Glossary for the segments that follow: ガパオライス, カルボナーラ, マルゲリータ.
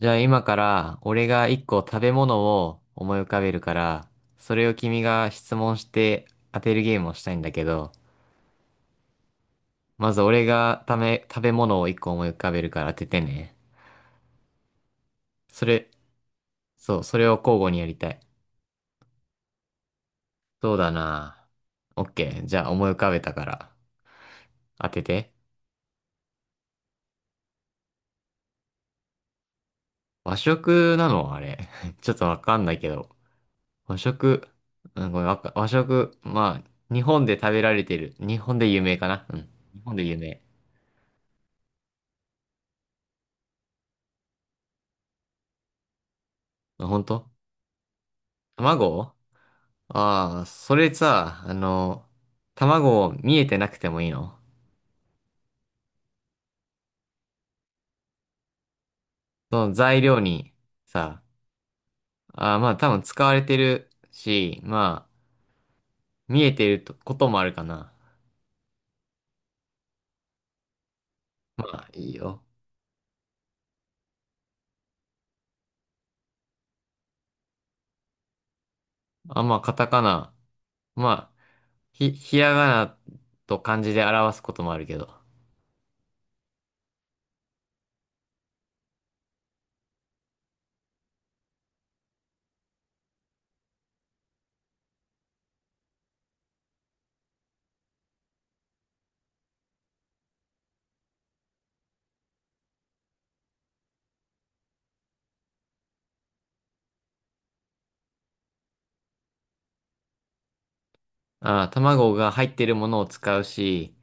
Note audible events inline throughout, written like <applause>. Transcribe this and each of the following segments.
じゃあ今から俺が一個食べ物を思い浮かべるから、それを君が質問して当てるゲームをしたいんだけど、まず俺が食べ物を一個思い浮かべるから当ててね。それ、そう、それを交互にやりたい。そうだな。オッケー。じゃあ思い浮かべたから当てて。和食なのあれ？<laughs> ちょっとわかんないけど。和食、うん、ごめん、和食、まあ、日本で食べられてる。日本で有名かな。うん。日本で有名。あ、本当？卵。それさ、卵見えてなくてもいいの？その材料にさ、ああ、まあ多分使われてるし、まあ、見えてるとこともあるかな。まあ、いいよ。あ、まあ、カタカナ。まあ、ひらがなと漢字で表すこともあるけど。ああ、卵が入ってるものを使うし、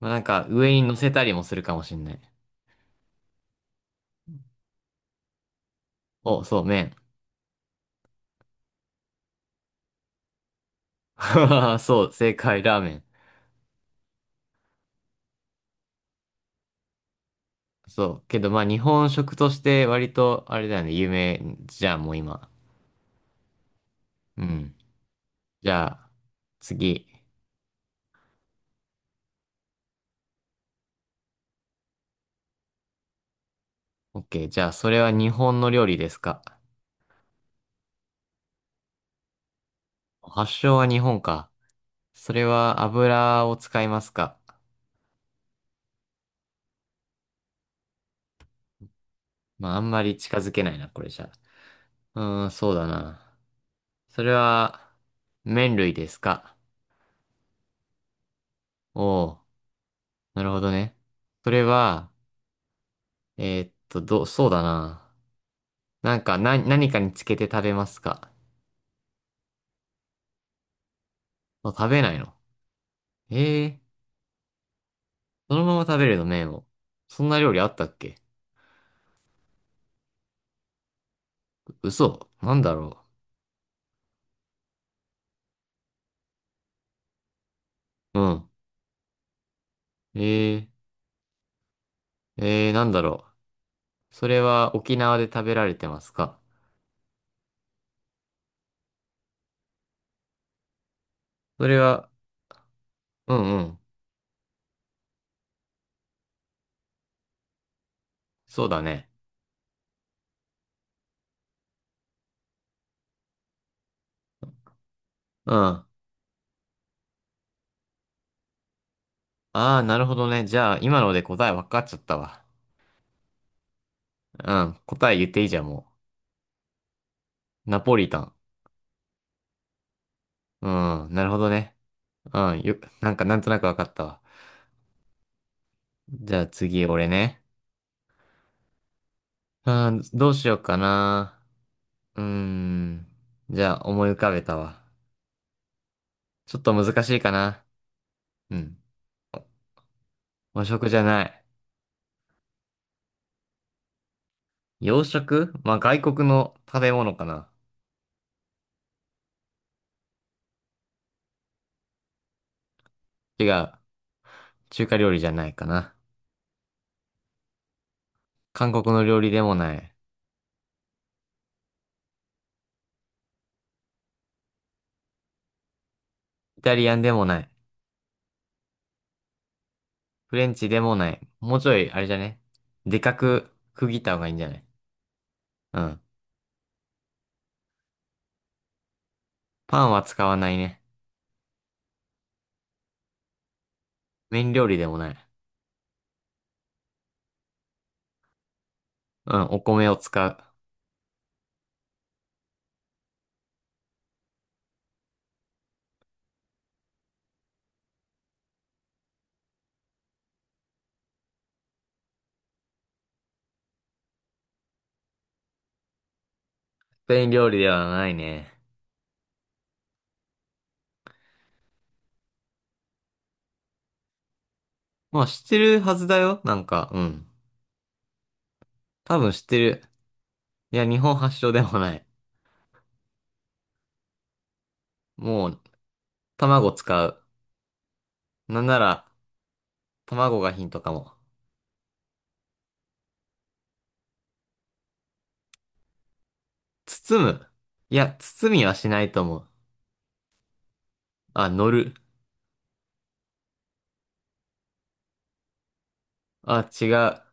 まあなんか上に乗せたりもするかもしんない。お、そう、麺。<laughs> そう、正解、ラーメン。そう。けど、まあ、日本食として割と、あれだよね、有名じゃんもう今。うん。じゃあ、次。OK。じゃあ、それは日本の料理ですか？発祥は日本か。それは油を使いますか？まあ、あんまり近づけないな、これじゃ。うーん、そうだな。それは、麺類ですか？おおー、なるほどね。それは、そうだな。なんか、何かにつけて食べますか？あ、食べないの？ええー。そのまま食べれるの、麺を。そんな料理あったっけ？嘘。なんだろう。うん。えなんだろう。それは沖縄で食べられてますか？それは、うんうん。そうだね。うん。ああ、なるほどね。じゃあ、今ので答え分かっちゃったわ。うん。答え言っていいじゃん、もう。ナポリタン。うん。なるほどね。うん。なんか、なんとなく分かったわ。じゃあ次、俺ね。うん、どうしようかな。うーん。じゃあ、思い浮かべたわ。ちょっと難しいかな。うん。和食じゃない。洋食？まあ、外国の食べ物かな。違う。中華料理じゃないかな。韓国の料理でもない。イタリアンでもない。フレンチでもない。もうちょい、あれじゃね。でかく区切った方がいいんじゃない？うん。パンは使わないね。麺料理でもない。うん、お米を使う。スペイン料理ではないね。まあ、知ってるはずだよ。なんか、うん。多分知ってる。いや、日本発祥でもない。もう、卵使う。なんなら、卵がヒントかも。包む。いや、包みはしないと思う。あ、乗る。あ、違う。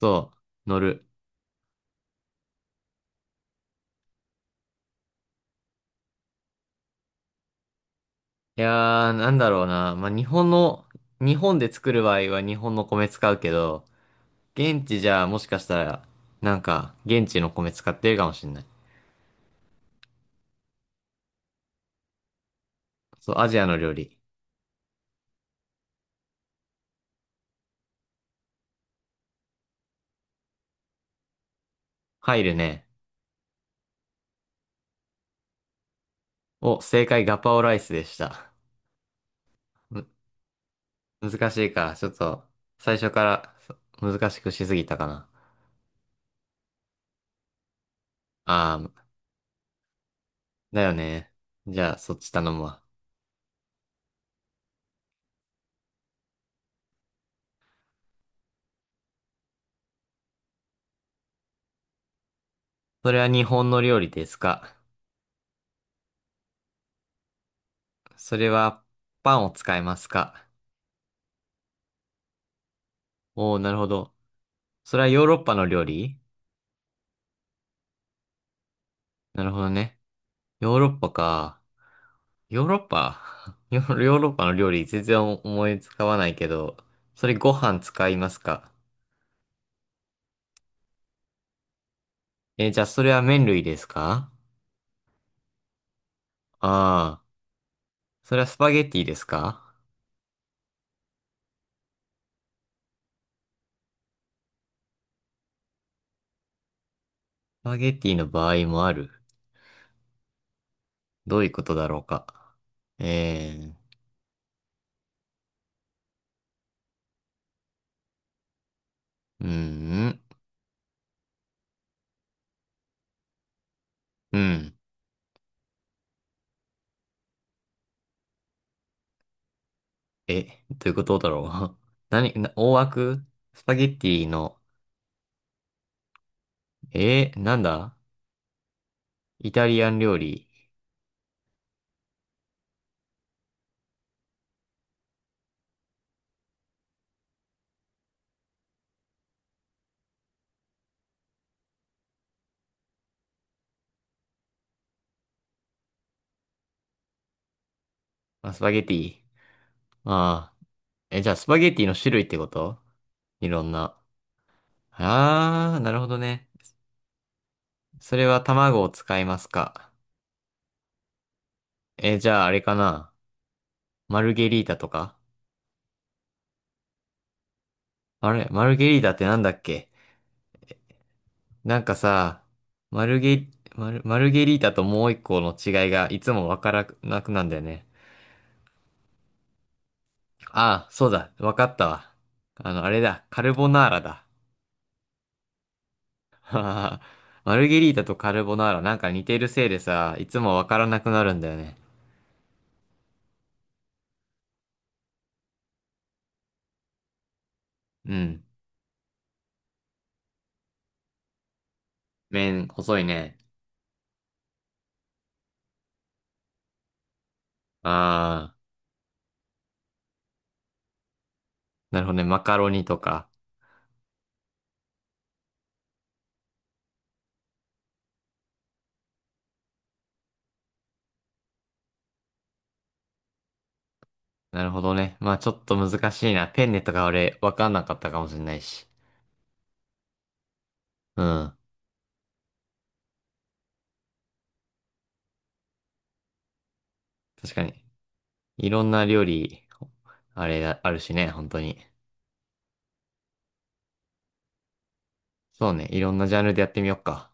そう、乗る。いやー、なんだろうな。まあ、日本で作る場合は日本の米使うけど、現地じゃもしかしたら、なんか、現地の米使ってるかもしんない。そう、アジアの料理。入るね。お、正解、ガパオライスでした。む、難しいか。ちょっと、最初から難しくしすぎたかな。あー、だよね。じゃあ、そっち頼むわ。それは日本の料理ですか？それはパンを使いますか？おおー、なるほど。それはヨーロッパの料理？なるほどね。ヨーロッパか。ヨーロッパ <laughs> ヨーロッパの料理全然思いつかわないけど、それご飯使いますか？じゃあそれは麺類ですか？ああー、それはスパゲッティですか？スパゲッティの場合もある。どういうことだろうか。えー、うーん、うん。え、どういうことだろう。<laughs> 何、大枠？スパゲッティの、なんだ？イタリアン料理。まあ、スパゲッティ。ああ。え、じゃあスパゲッティの種類ってこと？いろんな。ああ、なるほどね。それは卵を使いますか。え、じゃああれかな？マルゲリータとか？あれ、マルゲリータってなんだっけ？なんかさ、マルゲ、マルゲリータともう一個の違いがいつもわからなくなんだよね。ああ、そうだ。わかったわ。あれだ。カルボナーラだ。<laughs> はははマルゲリータとカルボナーラなんか似てるせいでさ、いつもわからなくなるんだよね。うん。麺、細いね。ああ、なるほどね。マカロニとか。なるほどね。まあちょっと難しいな。ペンネとか俺、わかんなかったかもしれないし。うん。確かに。いろんな料理、あれだ、あるしね、本当に。そうね。いろんなジャンルでやってみよっか。